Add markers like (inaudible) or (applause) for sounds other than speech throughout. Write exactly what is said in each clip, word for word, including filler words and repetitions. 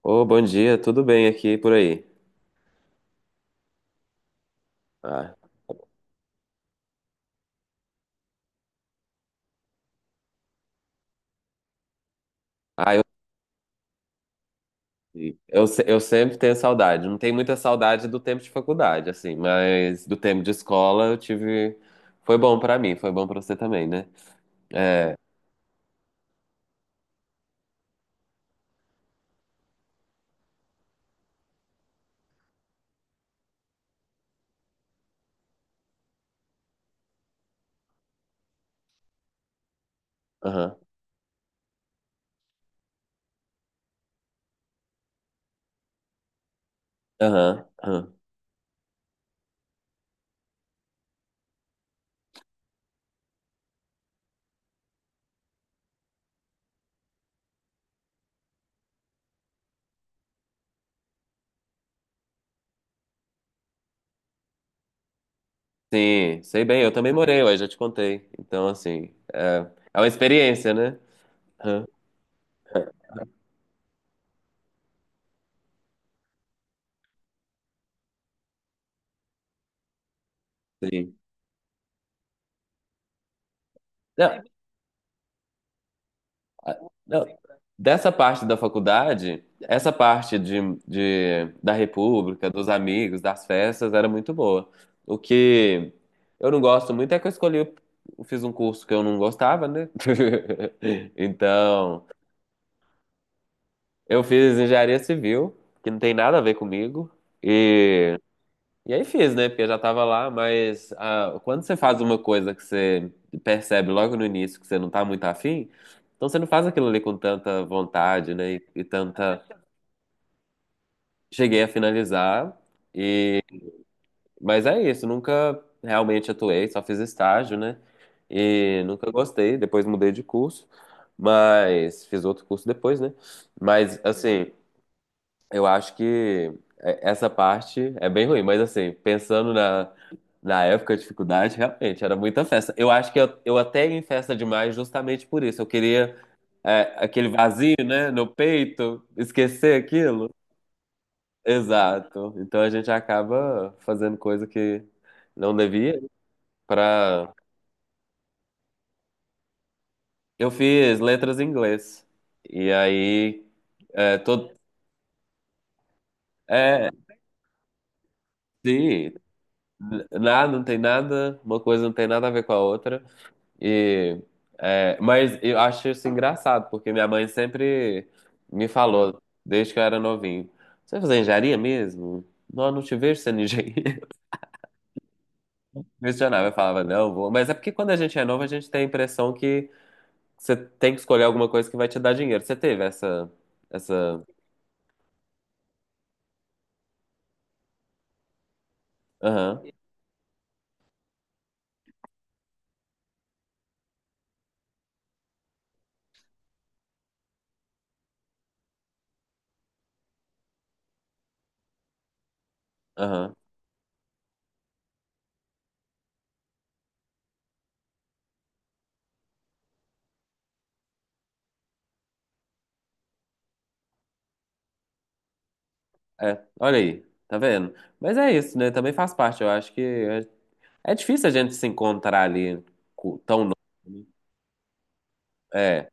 Ô, bom dia, tudo bem aqui e por aí? Ah, ah, eu, eu, se- eu sempre tenho saudade. Não tenho muita saudade do tempo de faculdade, assim, mas do tempo de escola eu tive. Foi bom pra mim, foi bom pra você também, né? É, aham, aham, aham. Sim, sei bem, eu também morei, eu já te contei. Então, assim, é, é uma experiência, né? Aham, sim. Não, ah, não. Dessa parte da faculdade, essa parte de, de- da República, dos amigos, das festas, era muito boa. O que eu não gosto muito é que eu escolhi, eu fiz um curso que eu não gostava, né? (laughs) Então, eu fiz engenharia civil, que não tem nada a ver comigo, e aí fiz, né? Porque eu já tava lá, mas ah, quando você faz uma coisa que você percebe logo no início que você não tá muito afim, então você não faz aquilo ali com tanta vontade, né? E, e tanta. Cheguei a finalizar, mas é isso, nunca realmente atuei, só fiz estágio, né? E nunca gostei, depois mudei de curso, mas fiz outro curso depois, né? Mas assim. Eu acho que é- essa parte é bem ruim, mas assim, pensando na, na época de dificuldade, realmente era muita festa. Eu acho que eu, eu até ia em festa demais justamente por isso. Eu queria é, aquele vazio, né, no peito, esquecer aquilo. Exato. Então a gente acaba fazendo coisa que não devia para. Eu fiz letras em inglês. E aí, é, todo. É, sim, n- nada, não tem nada, uma coisa não tem nada a ver com a outra. E, é, mas eu acho isso engraçado, porque minha mãe sempre me falou, desde que eu era novinho, você vai fazer engenharia mesmo? Não, eu não te vejo sendo engenheiro. (laughs) Questionava, eu falava, não, vou. Mas é porque quando a gente é novo, a gente tem a impressão que você tem que escolher alguma coisa que vai te dar dinheiro. Você teve essa, essa, aham, aham. É, olha aí, tá vendo? Mas é isso, né? Também faz parte, eu acho que é, é difícil a gente se encontrar ali co- tão novo, né? É,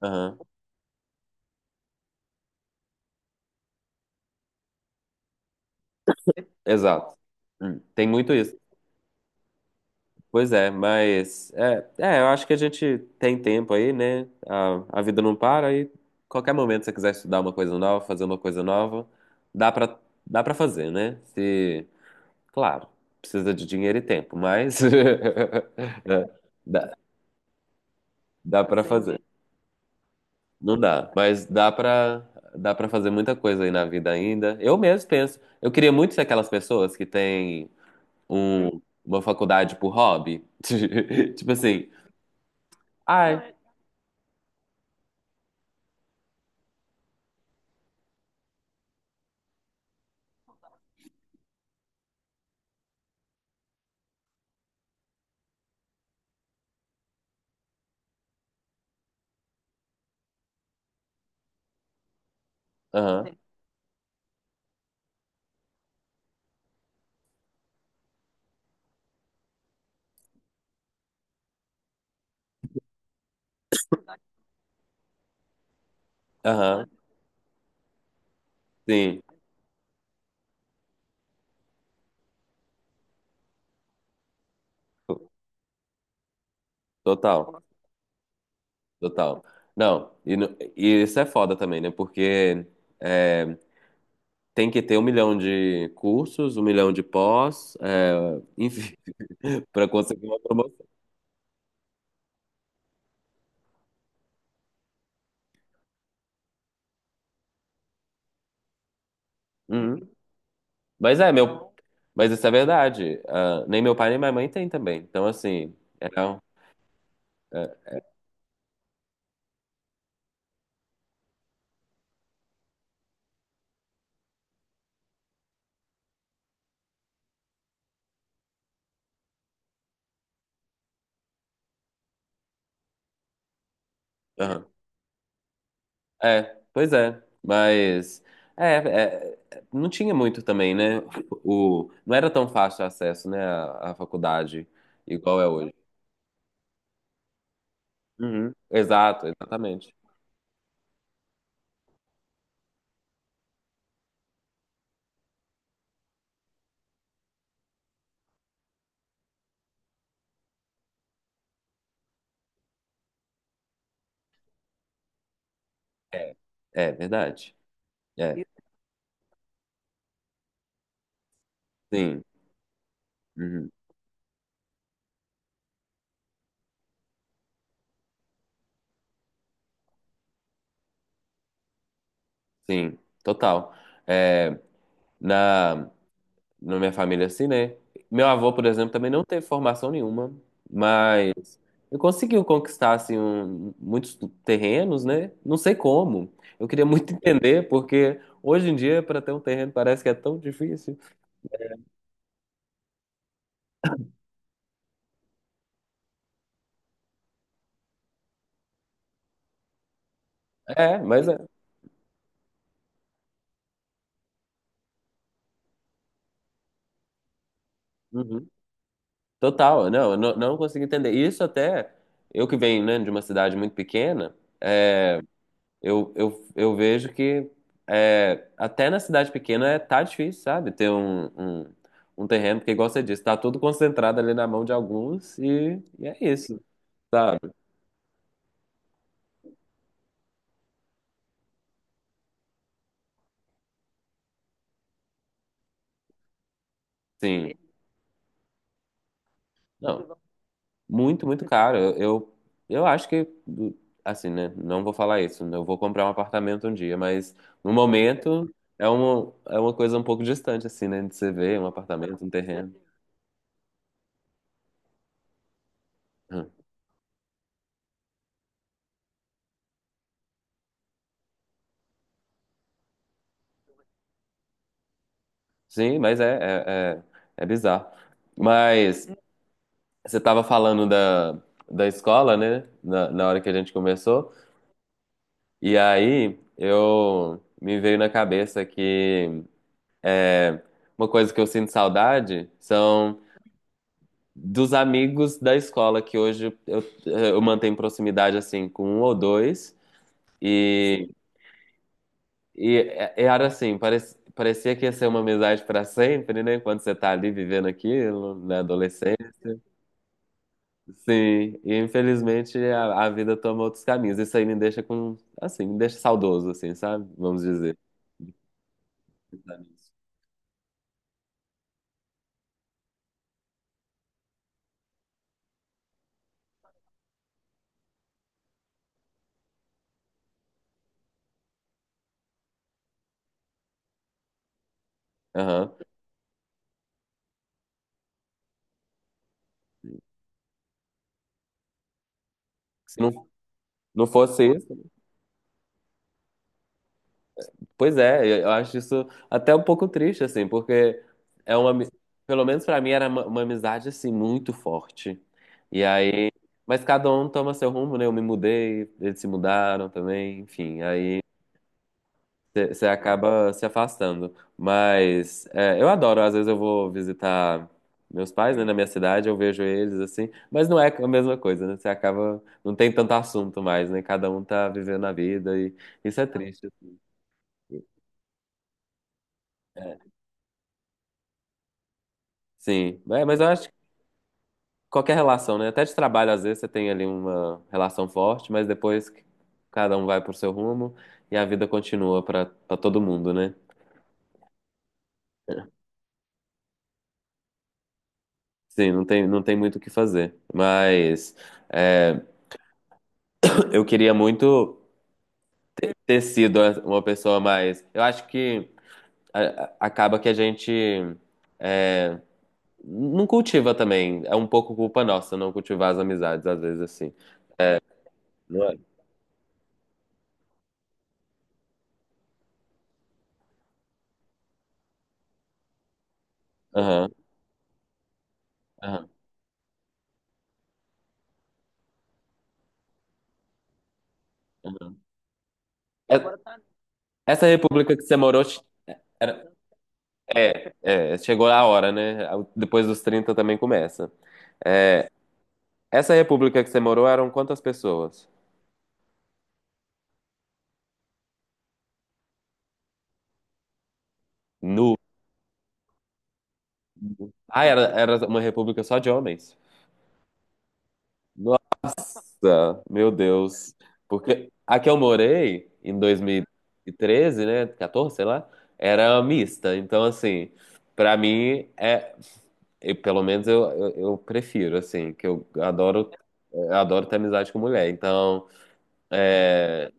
aham. Exato. Hum, Tem muito isso. Pois é, mas é, é, eu acho que a gente tem tempo aí, né? A, a vida não para, e qualquer momento que você quiser estudar uma coisa nova, fazer uma coisa nova, dá pra, dá pra fazer, né? Se, claro, precisa de dinheiro e tempo, mas (laughs) é, dá, dá para fazer. Não dá, mas dá pra, dá pra fazer muita coisa aí na vida ainda. Eu mesmo penso, eu queria muito ser aquelas pessoas que têm um- uma faculdade por hobby. (laughs) Tipo assim, ai, aham, aham, sim, total, total. Não, e, no- e isso é foda também, né? Porque é, tem que ter um milhão de cursos, um milhão de pós, é, enfim, (laughs) pra conseguir uma promoção. Uhum. Mas é, meu, mas isso é verdade. Ah, nem meu pai nem minha mãe tem também. Então, assim, é, é, É, pois é, mas é, é, não tinha muito também, né? O, não era tão fácil o acesso, né, à, à faculdade, igual é hoje. Uhum. Exato, exatamente. É, é verdade. É, sim. Uhum. Sim, total. É, na, na minha família, assim, né? Meu avô, por exemplo, também não teve formação nenhuma, mas eu consegui conquistar assim, um- muitos terrenos, né? Não sei como. Eu queria muito entender, porque hoje em dia, para ter um terreno, parece que é tão difícil. É, mas é. Uhum. Total, não, eu não, não consegui entender. Isso até, eu que venho, né, de uma cidade muito pequena, é, eu, eu, eu vejo que é, até na cidade pequena é, tá difícil, sabe? Ter um, um, um terreno, porque igual você disse, tá tudo concentrado ali na mão de alguns, e, e é isso, sabe? Sim. Não, muito, muito caro. Eu, eu eu acho que, assim, né? Não vou falar isso. Eu vou comprar um apartamento um dia, mas no momento é uma, é uma coisa um pouco distante, assim, né? De você ver um apartamento, um terreno. Hum. Sim, mas é, é, é, é bizarro. Mas você estava falando da, da escola, né? Na, na hora que a gente começou. E aí eu me veio na cabeça que é, uma coisa que eu sinto saudade são dos amigos da escola, que hoje eu, eu mantenho proximidade assim com um ou dois. E, e é- é, era assim, parece- parecia que ia ser uma amizade para sempre, né? Quando você tá ali vivendo aquilo, na adolescência. Sim, e infelizmente a, a vida toma outros caminhos. Isso aí me deixa com, assim, me deixa saudoso, assim, sabe? Vamos dizer. Aham. Se não, não fosse isso. Pois é, eu acho isso até um pouco triste, assim, porque é uma, ami- pelo menos pra mim era uma, uma amizade assim muito forte. E aí, mas cada um toma seu rumo, né? Eu me mudei, eles se mudaram também, enfim, aí você acaba se afastando. Mas é, eu adoro, às vezes eu vou visitar meus pais, né, na minha cidade, eu vejo eles assim, mas não é a mesma coisa, né? Você acaba, não tem tanto assunto mais, né? Cada um tá vivendo a vida e isso é triste. É. Sim. É, mas eu acho que qualquer relação, né? Até de trabalho, às vezes, você tem ali uma relação forte, mas depois que cada um vai pro seu rumo e a vida continua para todo mundo, né? Sim, não tem, não tem muito o que fazer. Mas é, (clears throat) eu queria muito ter sido uma pessoa mais. Eu acho que a- a- acaba que a gente é, não cultiva também. É um pouco culpa nossa não cultivar as amizades, às vezes, assim. Não é? Aham, aham. É- Essa república que você morou. É, é, chegou a hora, né? Depois dos trinta também começa. É, essa república que você morou eram quantas pessoas? Nu. Ah, era, era uma república só de homens. Nossa, meu Deus. Porque a que eu morei em dois mil e treze, né? quatorze, sei lá, era mista. Então, assim, pra mim é. Eu- pelo menos eu, eu, eu prefiro, assim, que eu adoro, eu adoro ter amizade com mulher. Então, é,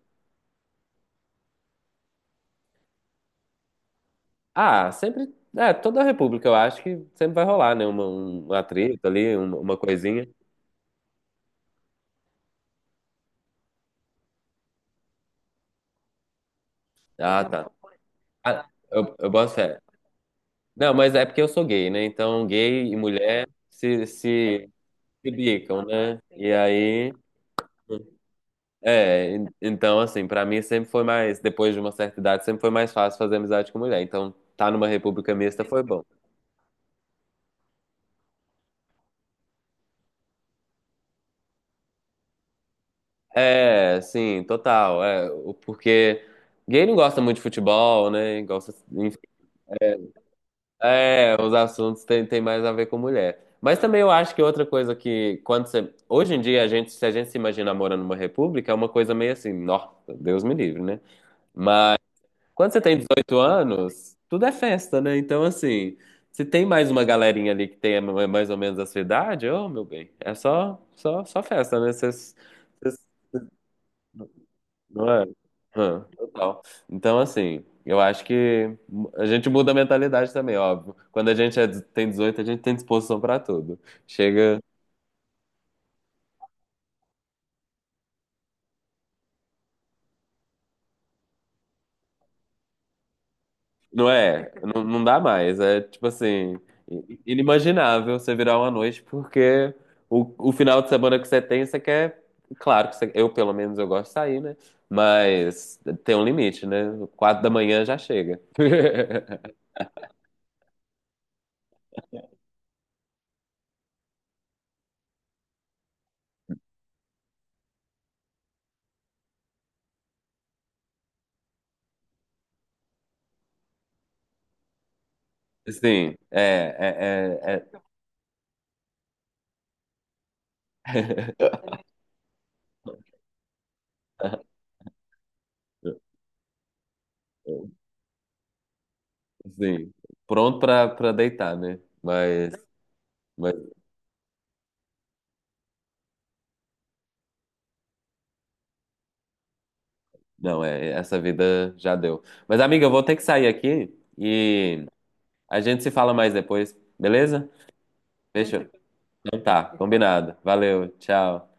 ah, sempre. É, toda a República, eu acho que sempre vai rolar, né? Uma, um- uma treta ali, uma, uma coisinha. Ah, tá. Ah, eu, eu boto fé. Não, mas é porque eu sou gay, né? Então, gay e mulher se, se, se bicam, né? E aí. É, en- então, assim, pra mim sempre foi mais. Depois de uma certa idade, sempre foi mais fácil fazer amizade com mulher. Então, tá numa República mista foi bom. É, sim, total. É, o- porque gay não gosta muito de futebol, né? Gosta. É, os assuntos têm, têm mais a ver com mulher. Mas também eu acho que outra coisa que, quando você. Hoje em dia, a gente, se a gente se imagina morando numa república, é uma coisa meio assim, nossa, Deus me livre, né? Mas quando você tem dezoito anos, tudo é festa, né? Então, assim, se tem mais uma galerinha ali que tem mais ou menos a sua idade, ô, meu bem, é só, só, só festa, né? Você não é? Ah, total. Então, assim, eu acho que a gente muda a mentalidade também, óbvio. Quando a gente é- tem dezoito a gente tem disposição pra tudo. Chega. Não é? Não, não dá mais. É tipo assim, i- inimaginável você virar uma noite, porque o, o final de semana que você tem, você quer. Claro que você- eu, pelo menos, eu gosto de sair, né? Mas tem um limite, né? Quatro da manhã já chega. (laughs) Sim, é, é, é... é- (laughs) Sim, pronto pra, pra deitar, né? Mas, mas não, é, essa vida já deu. Mas, amiga, eu vou ter que sair aqui e a gente se fala mais depois, beleza? Fechou. Tem. Então tá, combinado. Valeu, tchau.